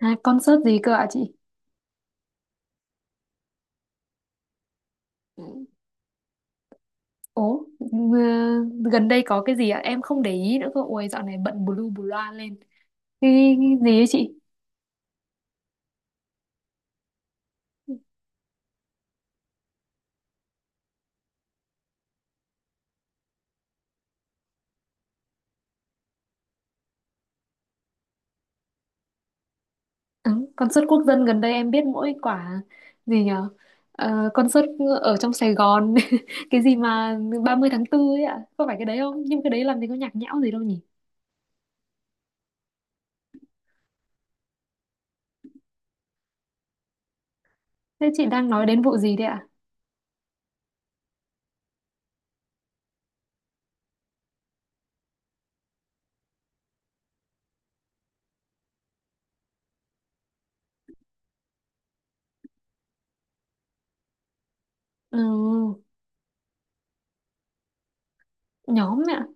À, concert gì cơ ạ chị? Ừ. Ố, ừ, gần đây có cái gì ạ? Em không để ý nữa cơ. Ôi, dạo này bận bù lu bù loa lên. Cái gì ấy chị? Ừ, concert quốc dân gần đây em biết mỗi quả gì nhở? Concert ở trong Sài Gòn. Cái gì mà ba mươi tháng 4 ấy ạ? Có phải cái đấy không? Nhưng cái đấy làm gì có nhạc nhẽo gì đâu nhỉ? Thế chị đang nói đến vụ gì đấy ạ? Ừ, nhóm ạ.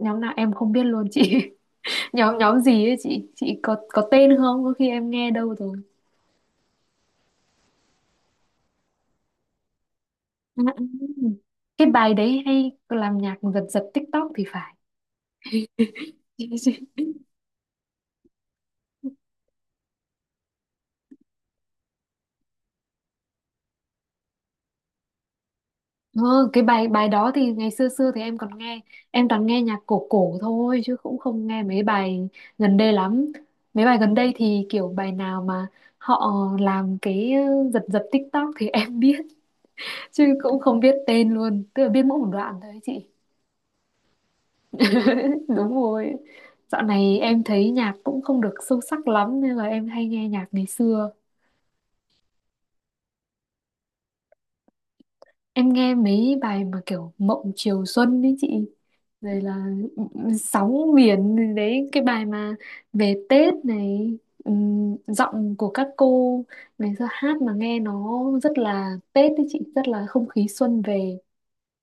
Nhóm nào em không biết luôn chị. Nhóm nhóm gì ấy chị? Chị có tên không? Có khi em nghe đâu. À, à, cái bài đấy hay làm nhạc giật giật TikTok thì phải. Ừ, cái bài bài đó thì ngày xưa xưa thì em còn nghe, em toàn nghe nhạc cổ cổ thôi chứ cũng không nghe mấy bài gần đây lắm. Mấy bài gần đây thì kiểu bài nào mà họ làm cái giật giật TikTok thì em biết, chứ cũng không biết tên luôn, tức là biết mỗi một đoạn thôi ấy chị. Đúng rồi. Dạo này em thấy nhạc cũng không được sâu sắc lắm nên là em hay nghe nhạc ngày xưa. Em nghe mấy bài mà kiểu Mộng Chiều Xuân đấy chị. Rồi là, ừ, Sóng Biển Đấy, cái bài mà về Tết này, giọng của các cô ngày xưa hát mà nghe nó rất là Tết đấy chị. Rất là không khí xuân về.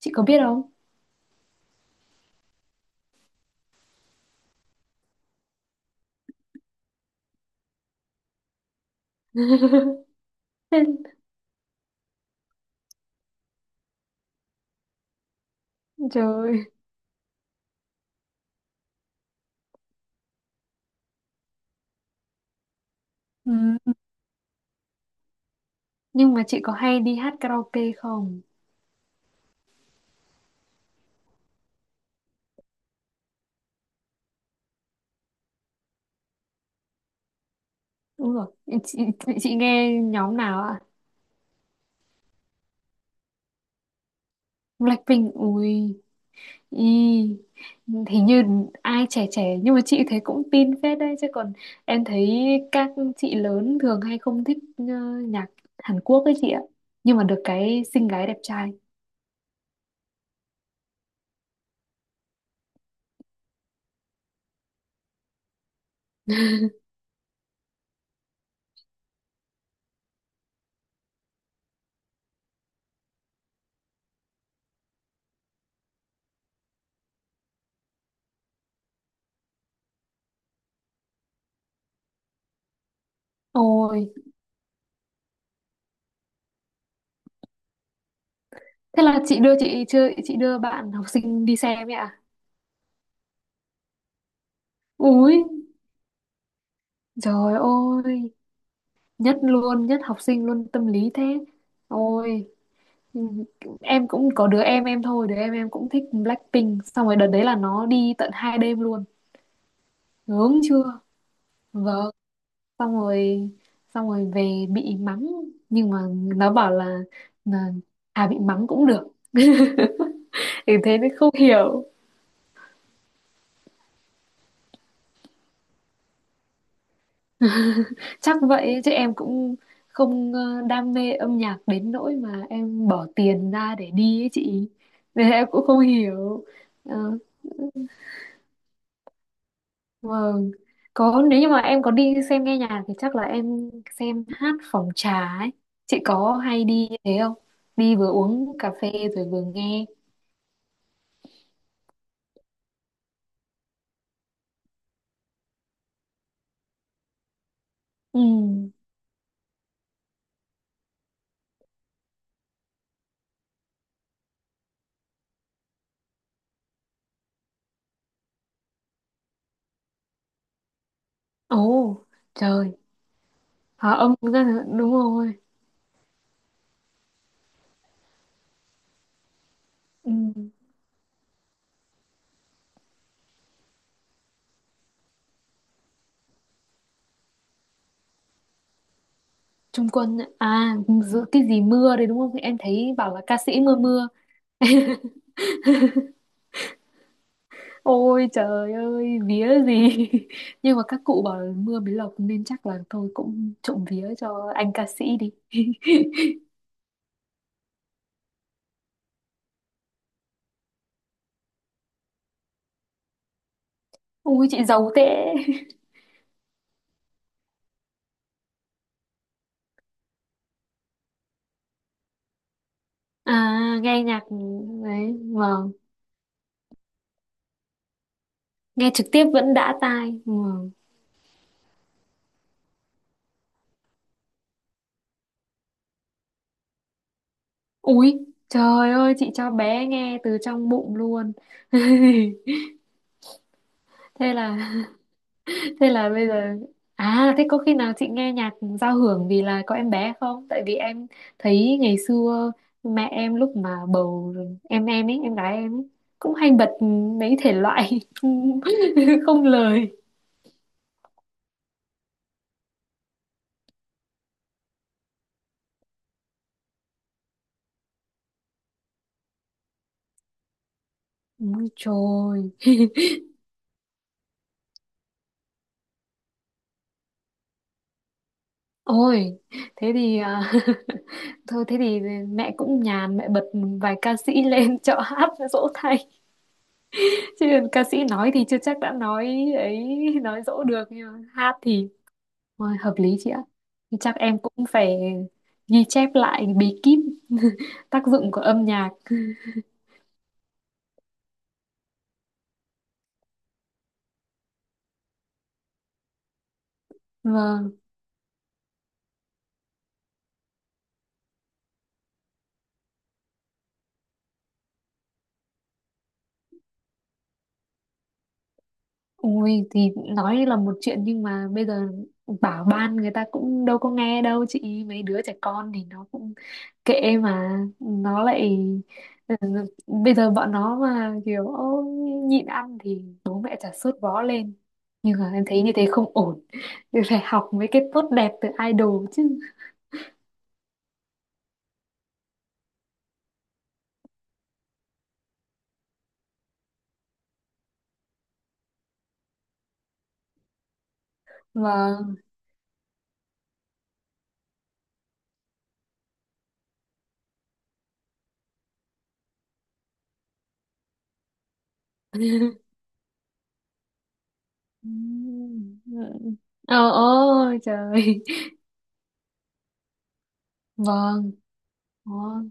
Chị có biết không? Trời ơi. Ừm, Nhưng mà chị có hay đi hát karaoke không? Đúng rồi. Chị nghe nhóm nào ạ? Blackpink. Ui. Ừ, hình như ai trẻ trẻ, nhưng mà chị thấy cũng tin phết đấy chứ, còn em thấy các chị lớn thường hay không thích nhạc Hàn Quốc ấy chị ạ, nhưng mà được cái xinh gái đẹp trai. Ôi, thế là chị đưa, chị chưa, chị đưa bạn học sinh đi xem ấy ạ? Ui trời ơi, nhất luôn, nhất học sinh luôn, tâm lý thế. Ôi. Ừ, em cũng có đứa em thôi, đứa em cũng thích Blackpink, xong rồi đợt đấy là nó đi tận 2 đêm luôn. Ngưỡng chưa? Vâng. Xong rồi, xong rồi về bị mắng, nhưng mà nó bảo là, à, bị mắng cũng được. Thì thế mới không hiểu. Chắc vậy chứ em cũng không đam mê âm nhạc đến nỗi mà em bỏ tiền ra để đi ấy chị, nên em cũng không hiểu. Ờ, vâng, có, nếu như mà em có đi xem nghe nhạc thì chắc là em xem hát phòng trà ấy. Chị có hay đi như thế không? Đi vừa uống cà phê rồi vừa nghe. Ừ. Ồ. Trời. Hả, ông đúng rồi. Ừ, Trung Quân ạ. À, giữa cái gì mưa đấy đúng không, em thấy bảo là ca sĩ mưa mưa. Ôi trời ơi, vía gì. Nhưng mà các cụ bảo là mưa mới lộc, nên chắc là tôi cũng trộm vía cho anh ca sĩ đi. Ui, chị giàu thế. À, nghe nhạc. Đấy, vâng, nghe trực tiếp vẫn đã tai, vâng. Ui trời ơi, chị cho bé nghe từ trong bụng luôn. Thế là, thế là bây giờ, à, thế có khi nào chị nghe nhạc giao hưởng vì là có em bé không? Tại vì em thấy ngày xưa mẹ em lúc mà bầu em ấy, em gái em ấy, cũng hay bật mấy thể loại không lời. Ôi trời. Ôi, thế thì à, thôi thế thì mẹ cũng nhàn, mẹ bật vài ca sĩ lên cho hát dỗ thay. Chứ ca sĩ nói thì chưa chắc đã nói ấy, nói dỗ được, nhưng mà hát thì, ôi, hợp lý chị ạ. Thì chắc em cũng phải ghi chép lại bí kíp tác dụng của âm nhạc. Vâng. Ui thì nói là một chuyện, nhưng mà bây giờ bảo ban người ta cũng đâu có nghe đâu chị. Mấy đứa trẻ con thì nó cũng kệ, mà nó lại, ừ, bây giờ bọn nó mà kiểu "Ô, nhịn ăn" thì bố mẹ chả sốt vó lên. Nhưng mà em thấy như thế không ổn. Phải học mấy cái tốt đẹp từ idol chứ. Vâng. Ừ. Ờ ôi trời. Vâng. Khó,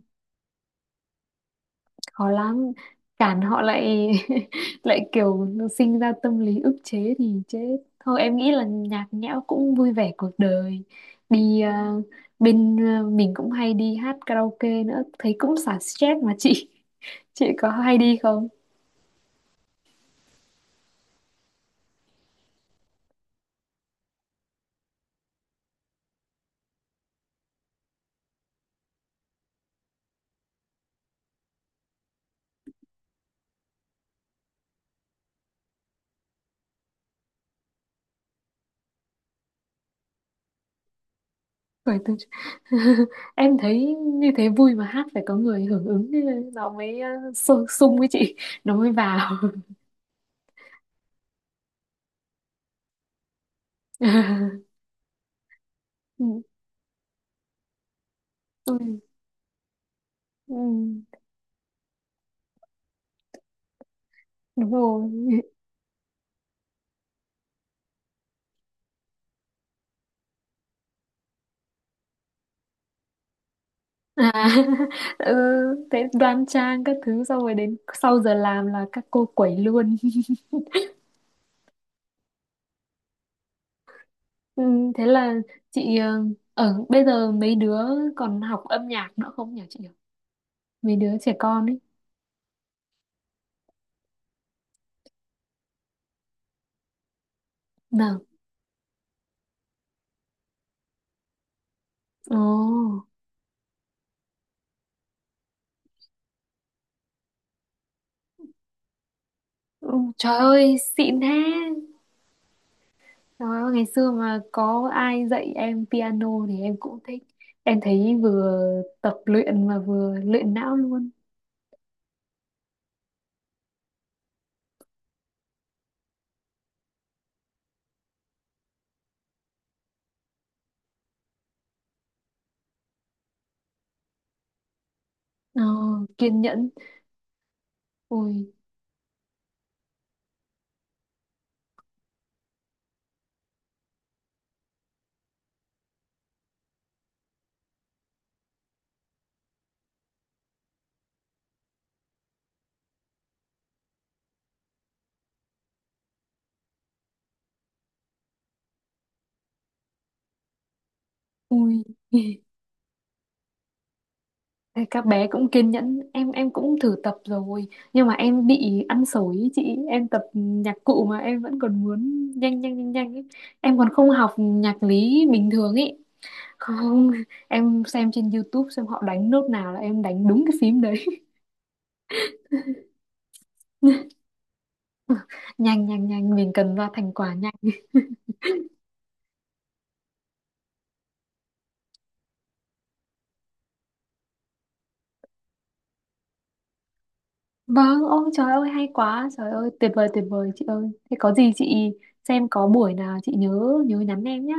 khó lắm cản họ lại. Lại kiểu sinh ra tâm lý ức chế thì chết thôi. Em nghĩ là nhạc nhẽo cũng vui vẻ cuộc đời, đi, à, bên, à, mình cũng hay đi hát karaoke nữa, thấy cũng xả stress mà chị. Chị có hay đi không? Bởi từ... em thấy như thế vui mà, hát phải có người hưởng ứng nó mới, à, sung với chị, nó mới vào. Ừ, tôi, ừ, đúng rồi. À. Ừ, thế đoan trang các thứ, xong rồi đến sau giờ làm là các cô quẩy luôn. Ừ, thế là chị ở bây giờ mấy đứa còn học âm nhạc nữa không nhỉ chị nhỉ, mấy đứa trẻ con ấy? Nào. Ồ. Ừ, trời ơi xịn thế. Trời ơi, ngày xưa mà có ai dạy em piano thì em cũng thích. Em thấy vừa tập luyện mà vừa luyện não luôn. Ờ, kiên nhẫn. Ôi. Ui. Các bé cũng kiên nhẫn, em cũng thử tập rồi, nhưng mà em bị ăn xổi ý chị, em tập nhạc cụ mà em vẫn còn muốn nhanh nhanh nhanh nhanh ấy. Em còn không học nhạc lý bình thường ấy, không, em xem trên YouTube xem họ đánh nốt nào là em đánh đúng cái phím đấy. Nhanh nhanh nhanh, mình cần ra thành quả nhanh. Vâng, ôi trời ơi hay quá, trời ơi tuyệt vời, tuyệt vời chị ơi, thế có gì chị xem có buổi nào chị nhớ nhớ nhắn em nhá.